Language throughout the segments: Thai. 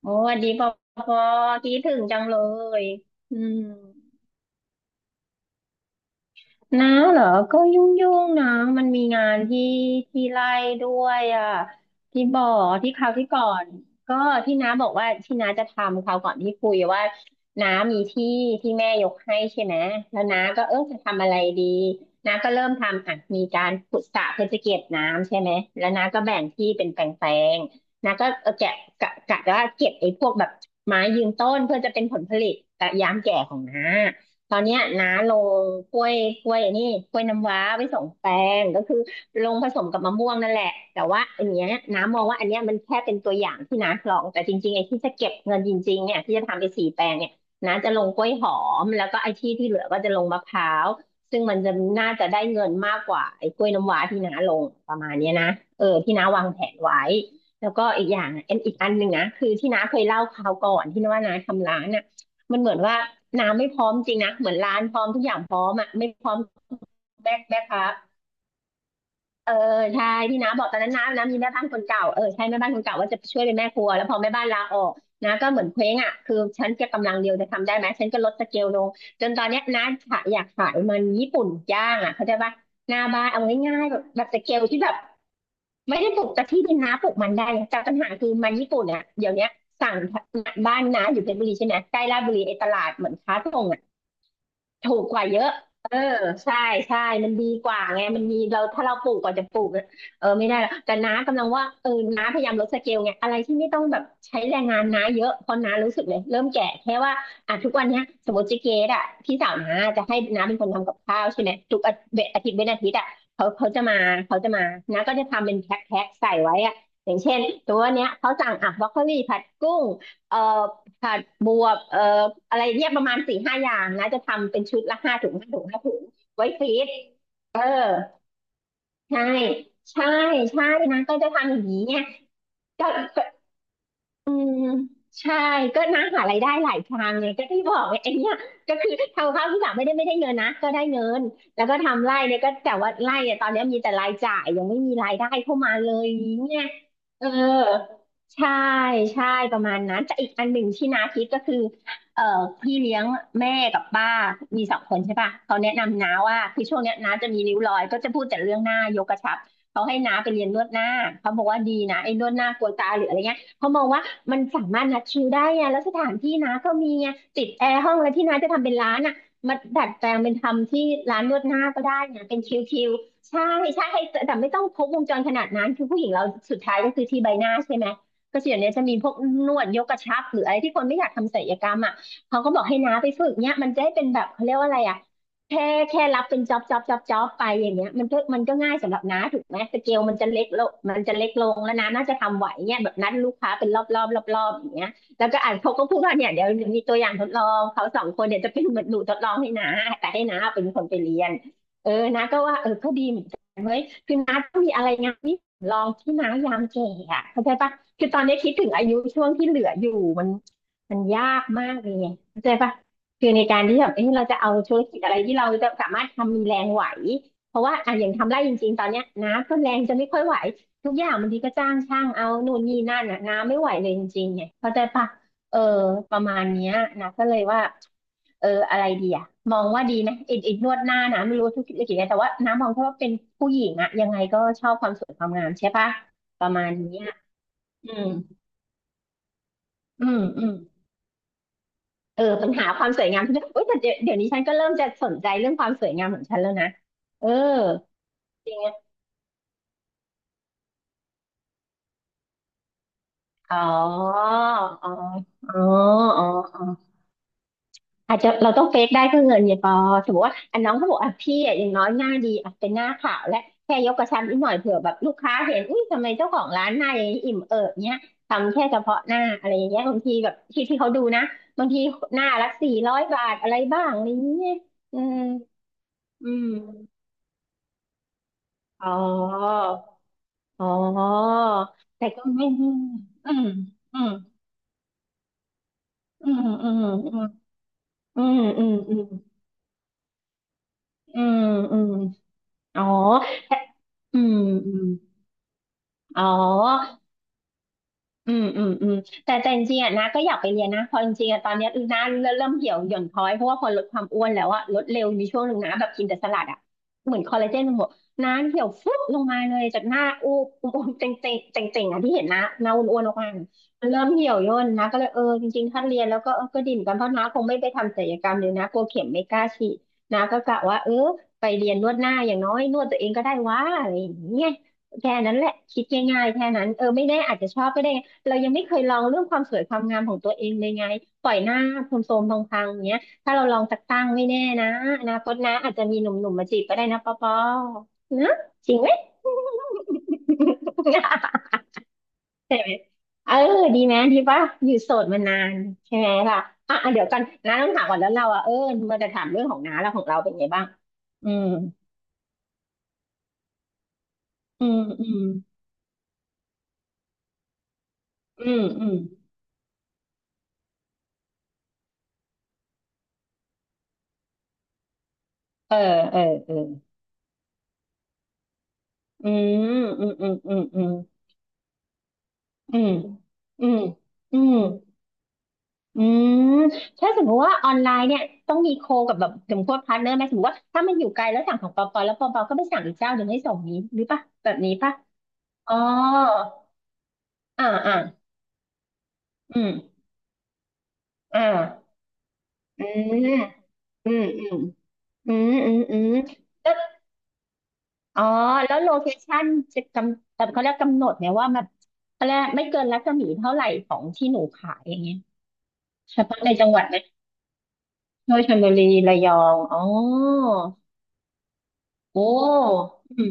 โอ้ดีพอคิดถึงจังเลยอืม นาเหรอก็ยุ่งยุ่งนะมันมีงานที่ไล่ด้วยอ่ะที่บอกที่คราวที่ก่อนก็ที่น้าบอกว่าที่น้าจะทำคราวก่อนที่คุยว่าน้ามีที่ที่แม่ยกให้ใช่ไหม แล้วน้าก็จะทำอะไรดีน้าก็เริ่มทำอ่ะมีการขุดสระเพื่อจะเก็บน้ำใช่ไหมแล้วน้าก็แบ่งที่เป็นแปลงๆ น้าก็แกะกะว่าเก็บไอ้พวกแบบไม้ยืนต้นเพื่อจะเป็นผลผลิตแต่ยามแก่ของน้า ตอนเนี้ยน้าลงกล้วยกล้วยอันนี่กล้วยน้ำว้าไปสองแปลงก็คือลงผสมกับมะม่วงนั่นแหละแต่ว่าอันเนี้ยน้ามองว่าอันเนี้ยมันแค่เป็นตัวอย่างที่น้าลองแต่จริงๆไอ้ที่จะเก็บเงินจริงๆเนี่ยที่จะทำไปสี่แปลงเนี่ยน้าจะลงกล้วยหอมแล้วก็ไอ้ที่ที่เหลือก็จะลงมะพร้าวซึ่งมันจะน่าจะได้เงินมากกว่าไอ้กล้วยน้ำว้าที่น้าลงประมาณเนี้ยนะที่น้าวางแผนไว้แล้วก็อีกอย่างอะเอ็นอีกอันหนึ่งนะคือที่น้าเคยเล่าคราวก่อนที่น้าว่าน้าทำร้านอ่ะมันเหมือนว่า น้ำไม่พร้อมจริงนะเหมือนร้านพร้อมทุกอย่างพร้อมอ่ะไม่พร้อมแม่ค้าเออใช่ที่น้าบอกตอนนั้นน้ามีแม่บ้านคนเก่าใช่แม่บ้านคนเก่าว่าจะช่วยเป็นแม่ครัวแล้วพอแม่บ้านลาออกนาก็เหมือนเคว้งอ่ะคือฉันจะกำลังเดียวจะทำได้ไหมฉันก็ลดสเกลลงจนตอนเนี้ยน้าขายอยากขายมันญี่ปุ่นย่างอ่ะเข้าใจปะหน้าบ้านเอาง่ายๆแบบสเกลที่แบบไม่ได้ปลูกแต่ที่ดินน้าปลูกมันได้นะแต่ปัญหาคือมันญี่ปุ่นอ่ะเดี๋ยวเนี้ยสั่งบ้านน้าอยู่เพชรบุรีใช่ไหมใกล้ลาดบุรีไอ้ตลาดเหมือนค้าส่งอะ ถูกกว่าเยอะเออใช่ใช่มันดีกว่าไง มันมีเราถ้าเราปลูกกว่าจะปลูกอะไม่ได้หรอกแต่น้ากำลังว่าน้าพยายามลดสเกลไง อะไรที่ไม่ต้องแบบใช้แรงงานน้าเยอะเพราะน้ารู้สึกเลยเริ่มแก่แค่ว่าอ่ะทุกวันเนี้ยสมมติเจ๊เกดอะพี่สาวน้าจะให้น้าเป็นคนทำกับข้าวใช่ไหมทุกอาทิตย์อาทิตย์เว้นอาทิตย์อะเขาจะมาเขาจะมา น้าก็จะทำเป็นแพ็คแพ็คใส่ไว้อะอย่างเช่นตัวเนี้ยเขาสั่งอ่ะบรอกโคลีผัดกุ้งเอ่อ ผัดบวบอะไรเนี่ยประมาณสี่ห้าอย่างนะจะทำเป็นชุดละห้าถุงห้าถุงห้าถุงไว้ฟรีซเออใช่ใช่ใช่นะก็จะทำอย่างนี้เนี่ยก็ อืมใช่ก็นะหารายได้หลายทางไงก็ที่บอกไงไอ้เนี่ยก็คือทำข้าวที่แบบไม่ได้เงินนะก็ได้เงินแล้วก็ทำไร่เนี่ยก็แต่ว่าไร่เนี่ยตอนเนี้ยมีแต่รายจ่ายยังไม่มีรายได้เข้ามาเลยเนี่ยเออใช่ใช่ประมาณนั้นแต่อีกอันหนึ่งที่น้าคิดก็คือเอ่อพี่เลี้ยงแม่กับป้ามีสองคนใช่ป่ะเขาแนะนำน้าว่าคือช่วงเนี้ยน้าจะมีริ้วรอยก็จะพูดแต่เรื่องหน้ายกกระชับเขาให้น้าไปเรียนนวดหน้าเขาบอกว่าดีนะไอ้นวดหน้ากลัวตาหรืออะไรเงี้ยเขามองว่า มันสามารถนัดคิวได้ไงแล้วสถานที่นะก็มีไงติดแอร์ห้องแล้วที่น้าจะทำเป็นร้านอ่ะมาดัดแปลงเป็นทำที่ร้านนวดหน้าก็ได้ไงเป็นคิวๆใช่ใช่แต่แต่ไม่ต้องครบวงจรขนาดนั้นคือผู้หญิงเราสุดท้ายก็คือที่ใบหน้าใช่ไหมก็ส่วนเนี้ยจะมีพวกนวดยกกระชับหรืออะไรที่คนไม่อยากทำศัลยกรรมอ่ะเขาก็บอกให้น้าไปฝึกเนี้ยมันจะให้เป็นแบบเขาเรียกว่าอะไรอ่ะ แค่แค่รับเป็นจ็อบจ็อบจ็อบจ็อบไปอย่างเงี้ยมันก็ง่ายสำหรับน้าถูกไหมสเกลมันจะเล็กลงมันจะเล็กลงแล้วน้าน่าจะทำไหวเนี่ยแบบนัดลูกค้าเป็นรอบรอบรอบรอบอย่างเงี้ยแล้วก็อ่านเขาก็พูดว่าเนี่ยเดี๋ยวมีตัวอย่างทดลองเขาสองคนเนี่ยจะเป็นเหมือนหนูทดลองให้น้าแต่ให้น้าเป็นคนไปเรียนเออน้าก็ว่าเออก็ดีเหมือนกันเว้ยคือน้าต้องมีอะไรงานที่ลองที่น้ายามแก่อะเข้าใจปะคือตอนนี้คิดถึงอายุช่วงที่เหลืออยู่มันมันยากมากเลยเข้าใจปะ คือในการที่แบบเอ้ยเราจะเอาธุรกิจอะไรที่เราจะสามารถทำมีแรงไหวเพราะว่าอ่ะอย่างทำไร่จริงๆตอนเนี้ยน้ำก็แรงจะไม่ค่อยไหวทุกอย่างบางทีก็จ้างช่าง เอานู่นนี่นั่นอ่ะน้ำไม่ไหวเลยจริงๆไงเข้าใจปะเออประมาณเนี้ยนะก็เลยว่าเอออะไรดีอ่ะมองว่าดีนะไอ้นวดหน้านะไม่รู้ธุรกิจอะไรแต่ว่าน้ำมองแค่ว่าเป็นผู้หญิงอ่ะยังไงก็ชอบความสวยความงามใช่ปะประมาณเนี้ยอืมอืมอืม เออปัญหาความสวยงามเอ้ยแต่เดี๋ยวนี้ฉันก็เริ่มจะสนใจเรื่องความสวยงามของฉันแล้วนะเออจริงอะอ๋ออ๋ออ๋ออ๋ออ๋ออาจจะเราต้องเฟกได้เพื่อเงินเนี่ยปอสมมติว่าอันน้องเขาบอกอ่ะพี่อ่ะอย่างน้อยหน้าดีอ่ะเป็นหน้าขาวและแค่ยกกระชับนิดหน่อยเผื่อแบบลูกค้าเห็นอุ้ยทำไมเจ้าของร้านหน้าอย่างนี้อิ่มเอิบเนี้ยทำแค่เฉพาะหน้าอะไรอย่างเงี้ยบางทีแบบที่เขาดูนะบางทีหน้าละ400 บาทอะไรบ้างอะไรอย่างเงี้ยอืมอืมอ๋อ อ๋อแต่ก็ไม่อืมอืมอืมอืมอืมอืมอืมอืมอืมอืมอืมอ๋อแต่อืมอืมอ๋อ อืมอืมอืมแต่แต่จริงๆอ่ะนะก็อยากไปเรียนนะเพอจริงๆอ่ะตอนเนี้ยอือนะเริ่มเหี่ยวหย่อนคล้อยเพราะว่าพอลดความอ้วนแล้วอ่ะลดเร็วมีช่วงหนึ่งนะแบบกินแต่สลัดอ่ะเหมือนคอลลาเจนมันหมดนะเหี่ยวฟุบลงมาเลยจากหน้าอูบอูบเจ๋งเจ๋งเจ๋งเจ๋งๆอ่ะที่เห็นนะหน้าอ้วนๆออกมามันเริ่มเหี่ยวย่นนะก็เลยเออจริงๆถ้าเรียนแล้วก็เออก็ดิ่มอนกันเพราะน้าคงไม่ไปทำศัลยกรรมเลยนะกลัวเข็มไม่กล้าฉีดนะก็กะว่าเออไปเรียนนวดหน้าอย่างน้อยนวดตัวเองก็ได้วะอะไรอย่างเงี้ยแค่นั้นแหละคิดง่ายๆแค่นั้นเออไม่แน่อาจจะชอบก็ได้ เรายังไม่เคยลองเรื่องความสวยความงามของตัวเองเลยไงปล่อยหน้าโทรมๆพังๆอย่างเงี้ยถ้าเราลองสักตั้งไม่แน่นะอนาคตนะอาจจะมีหนุ่มๆมาจีบก็ได้นะปอปอนะจริงไหม ใช่ไหมเออดีไหมดีป่ะอยู่โสดมานานใช่ไหมล่ะอ่ะอ่ะเดี๋ยวกันน้าต้องถามก่อนแล้วเราอ่ะเออมันจะถามเรื่องของน้าแล้วของเราเป็นไงบ้างอืมอืมอืมอืมอืมเออเออเอออืมอืมอืมอืมอืมอืมอืมอืม อืมถ้าสมมติว่าออนไลน์เนี่ยต้องมีโคกับแบบสมมติว่าพาร์ทเนอร์ไหมสมมติว่าถ้ามันอยู่ไกลแล้วสั่งของปอปอแล้วปอปอก็ไปสั่งอีกเจ้าหนึ่งให้ส่งนี้หรือปะแบบนี้ปะอ๋ออ่าอ่าอืมอ่าอืมอืมอืมอืมอืมอืมแล้วอ๋อแล้วโลเคชั่นจะกำแต่เขาเรียกกำหนดเนี่ยว่าแบบเขาเรียกไม่เกินรัศมีเท่าไหร่ของที่หนูขายอย่างเงี้ยเฉพาะในจังหวัดไหมโดยชลบุรีระยองอ๋อโอ้อืม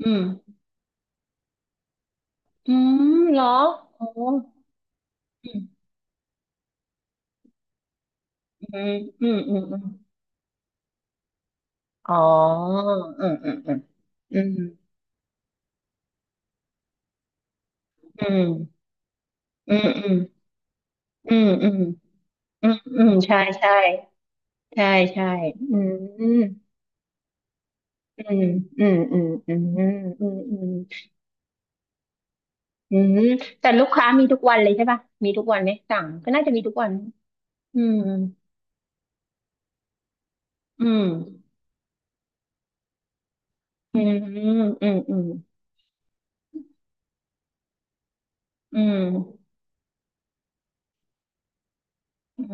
อืม อืมเหรอโออืมอืมอืมอืมอมอ๋ออืมอืมอืมอืมอืมอืมอืมอืมอืมอืมอืมใช่ใช่ใช่ใช่อืมอืมอืมอืมอืมอืมอืมอืมอืมอืมแต่ลูกค้ามีทุกวันเลยใช่ป่ะมีทุกวันไหมสั่งก็น่าจะมีทุกวันอืมอืมอืมอืมอืมอืมอืม อืม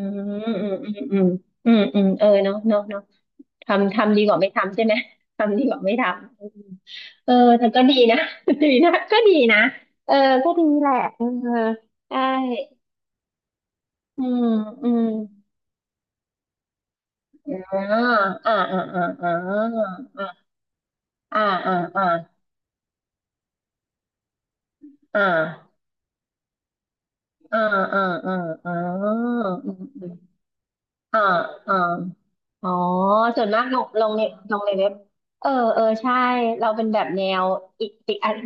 อืมอืมอืมอืมอืมเออเนาะเนาะเนาะทำทำดีกว่าไม่ทำใช่ไหม ทำดีกว่าไม่ทำอืมเออแต่ก็ดีนะ ดีนะก็ดีนะเออก็ดีแหละเออได้อืมอืมอ่าอ่าอ่าอ่าอ่าอ่าอ่าอ่าอ่าอ่าอ่าอ่าอ่าอ่าอ่าอ่า อ๋อส่วนมากลงในลงในเว็บเออเออใช่เราเป็นแบบแนวอีกอัน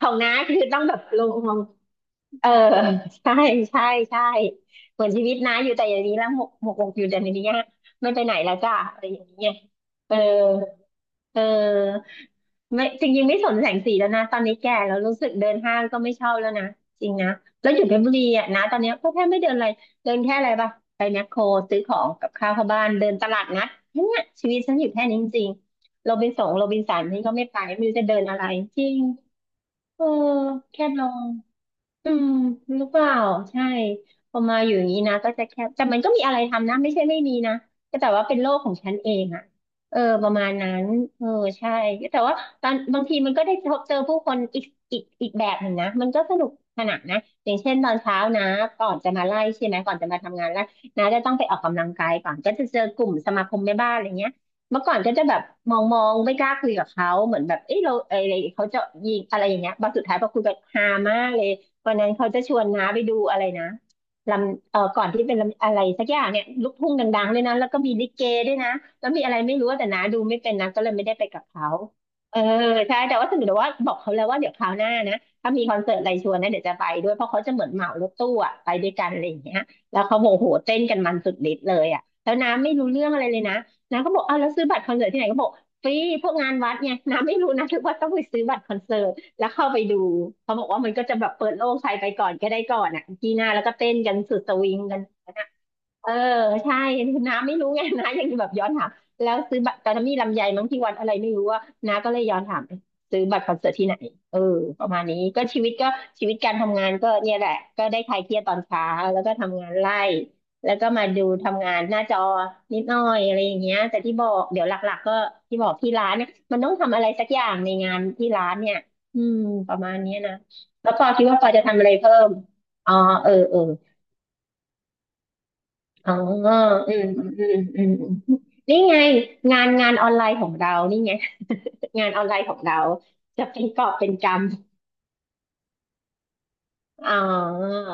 ของน้าคือต้องแบบลงเออใช่ใช่ใช่เหมือนชีวิตน้าอยู่แต่อย่างนี้แล้วหมกอยู่แต่ในนี้ไม่ไปไหนแล้วจ้ะอะไรอย่างเงี้ยเออเออ ไม่จริงๆไม่สนแสงสีแล้วนะตอนนี้แก่แล้วรู้สึกเดินห้างก็ไม่ชอบแล้วนะจริงนะแล้วอยู่เพชรบุรีอ่ะนะตอนเนี้ยก็แทบไม่เดินอะไรเดินแค่อะไรปะไปแมคโครซื้อของกับข้าวเข้าบ้านเดินตลาดนัดแค่เนี้ยชีวิตฉันอยู่แค่นี้จริงๆโรบินสันนี่ก็ไม่ไปไม่รู้จะเดินอะไรจริงเออแค่ลง อืมหรือเปล่าใช่พอมาอยู่อย่างนี้นะก็จะแค่แต่มันก็มีอะไรทำนะไม่ใช่ไม่มีนะก็แต่ว่าเป็นโลกของฉันเองอ่ะเออประมาณนั้นเออใช่แต่ว่าตอนบางทีมันก็ได้พบเจอผู้คนอีกแบบหนึ่งนะมันก็สนุกขนานนะอย่างเช่นตอนเช้านะก่อนจะมาไล่ใช่ไหมก่อนจะมาทำงานแล้วนะจะต้องไปออกกำลังกายก่อนก็จะเจอกลุ่มสมาคมแม่บ้านอะไรเงี้ยเมื่อก่อนก็จะแบบมองไม่กล้าคุยกับเขาเหมือนแบบเอ้ยเราเอ้ยอะไรเขาจะยิงอะไรอย่างเงี้ยบางสุดท้ายพอคุยกันฮามากเลย วันนั้นเขาจะชวนน้าไปดูอะไรนะลำก่อนที่เป็นลำอะไรสักอย่างเนี่ยลูกทุ่งดังๆด้วยนะแล้วก็มีลิเกด้วยนะแล้วมีอะไรไม่รู้แต่น้าดูไม่เป็นนะก็เลยไม่ได้ไปกับเขาเออใช่แต่ว่าบอกเขาแล้วว่าเดี๋ยวคราวหน้านะถ้ามีคอนเสิร์ตอะไรชวนนะเดี๋ยวจะไปด้วยเพราะเขาจะเหมือนเหมารถตู้อะไปด้วยกันอะไรอย่างเงี้ยแล้วเขาบอกโหเต้นกันมันสุดฤทธิ์เลยอะแล้วน้าไม่รู้เรื่องอะไรเลยนะน้าก็บอกอ้าวแล้วซื้อบัตรคอนเสิร์ตที่ไหนก็บอกฟรีพวกงานวัดไงน้าไม่รู้นะถือว่าต้องไปซื้อบัตรคอนเสิร์ต แล้วเข้าไปดูเขาบอกว่ามันก็จะแบบเปิดโล่งใครไปก่อนก็ได้ก่อนอ่ะกีหน่าแล้วก็เต้นกันสุดสวิงกัน เออใช่น้าไม่รู้ไงน้ายังแบบย้อนถามแล้วซื้อบัตรตอนนั้นมีลำไยมั้งที่วันอะไรไม่รู้ว่าน้าก็เลยย้อนถามซื้อบัตรคอนเสิร์ตที่ไหนเออประมาณนี้ก็ชีวิตก็ชีวิตการทำงานก็เนี่ยแหละก็ได้คลายเครียดตอนเช้าแล้วก็ทำงานไล่แล้วก็มาดูทำงานหน้าจอนิดหน่อยอะไรอย่างเงี้ยแต่ที่บอกเดี๋ยวหลักๆก็ที่บอกที่ร้านเนี่ยมันต้องทำอะไรสักอย่างในงานที่ร้านเนี่ยอืมประมาณเนี้ยนะแล้วปอคิดว่าปอจะทำอะไรเพิ่มอ๋อเออเออ อ๋ออืมนี่ไงงานออนไลน์ของเรานี่ไงงานออนไลน์ของเราจะเป็นกอบเป็นกำอ๋อ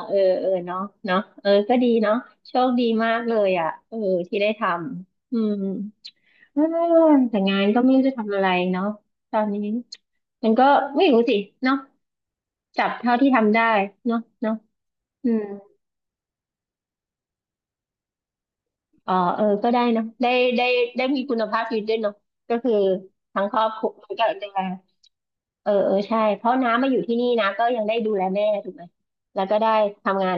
เออเออเนาะเนาะเออก็ดีเนาะโชคดีมากเลยอ่ะเออที่ได้ทำอืมเออแต่งานก็ไม่รู้จะทำอะไรเนาะตอนนี้มันก็ไม่รู้สิเนาะจับเท่าที่ทำได้เนาะเนาะอืม อ๋อเออก็ได้เนอะได้ได้ได้มีคุณภาพชีวิตด้วยเนาะก็คือทั้งครอบครัวมันก็ดูแลเออเออใช่ เพราะน้ามาอยู่ที่นี่นะก็ยังได้ดูแลแม่ถูกไหมแล้วก็ได้ทำงาน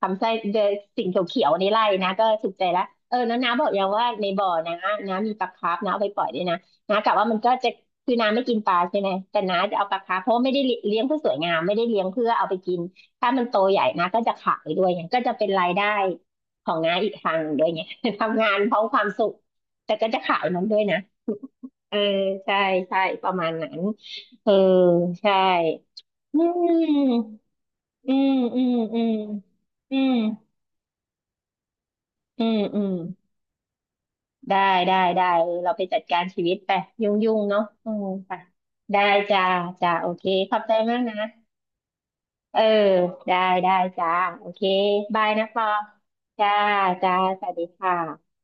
ทำไส้เดนสิ่งเขียวๆในไร่นะก็สุขใจละเออแล้วน้าบอกยังว่าในบ่อนะน้ามีปลาคาร์ฟน้าเอาไปปล่อยด้วยนะ น้ากะว่ามันก็จะคือน้าไม่กินปลาใช่ไหม แต่น้าจะเอาปลาคาร์ฟเพราะว่าไม่ได้เลี้ยงเพื่อสวยงามไม่ได้เลี้ยงเพื่อเอาไปกินถ้ามันโตใหญ่นะก็จะขายด้วยไงก็จะเป็นรายได้ ของน้าอีกทางหนึ่งด้วยไง ทำงานเพราะความสุข แต่ก็จะขายมันด้วยนะเออใช่ใช่ประมาณนั้นเออใช่อืมอืมอืมอืมอืมอืมได้ได้เออเราไปจัดการชีวิตไปยุ่งเนาะอืมไปได้จ้าจ้าโอเคขอบใจมากนะเออได้ได้จ้าโอเคบายนะปอจ้าจ้าสวัสดีค่ะ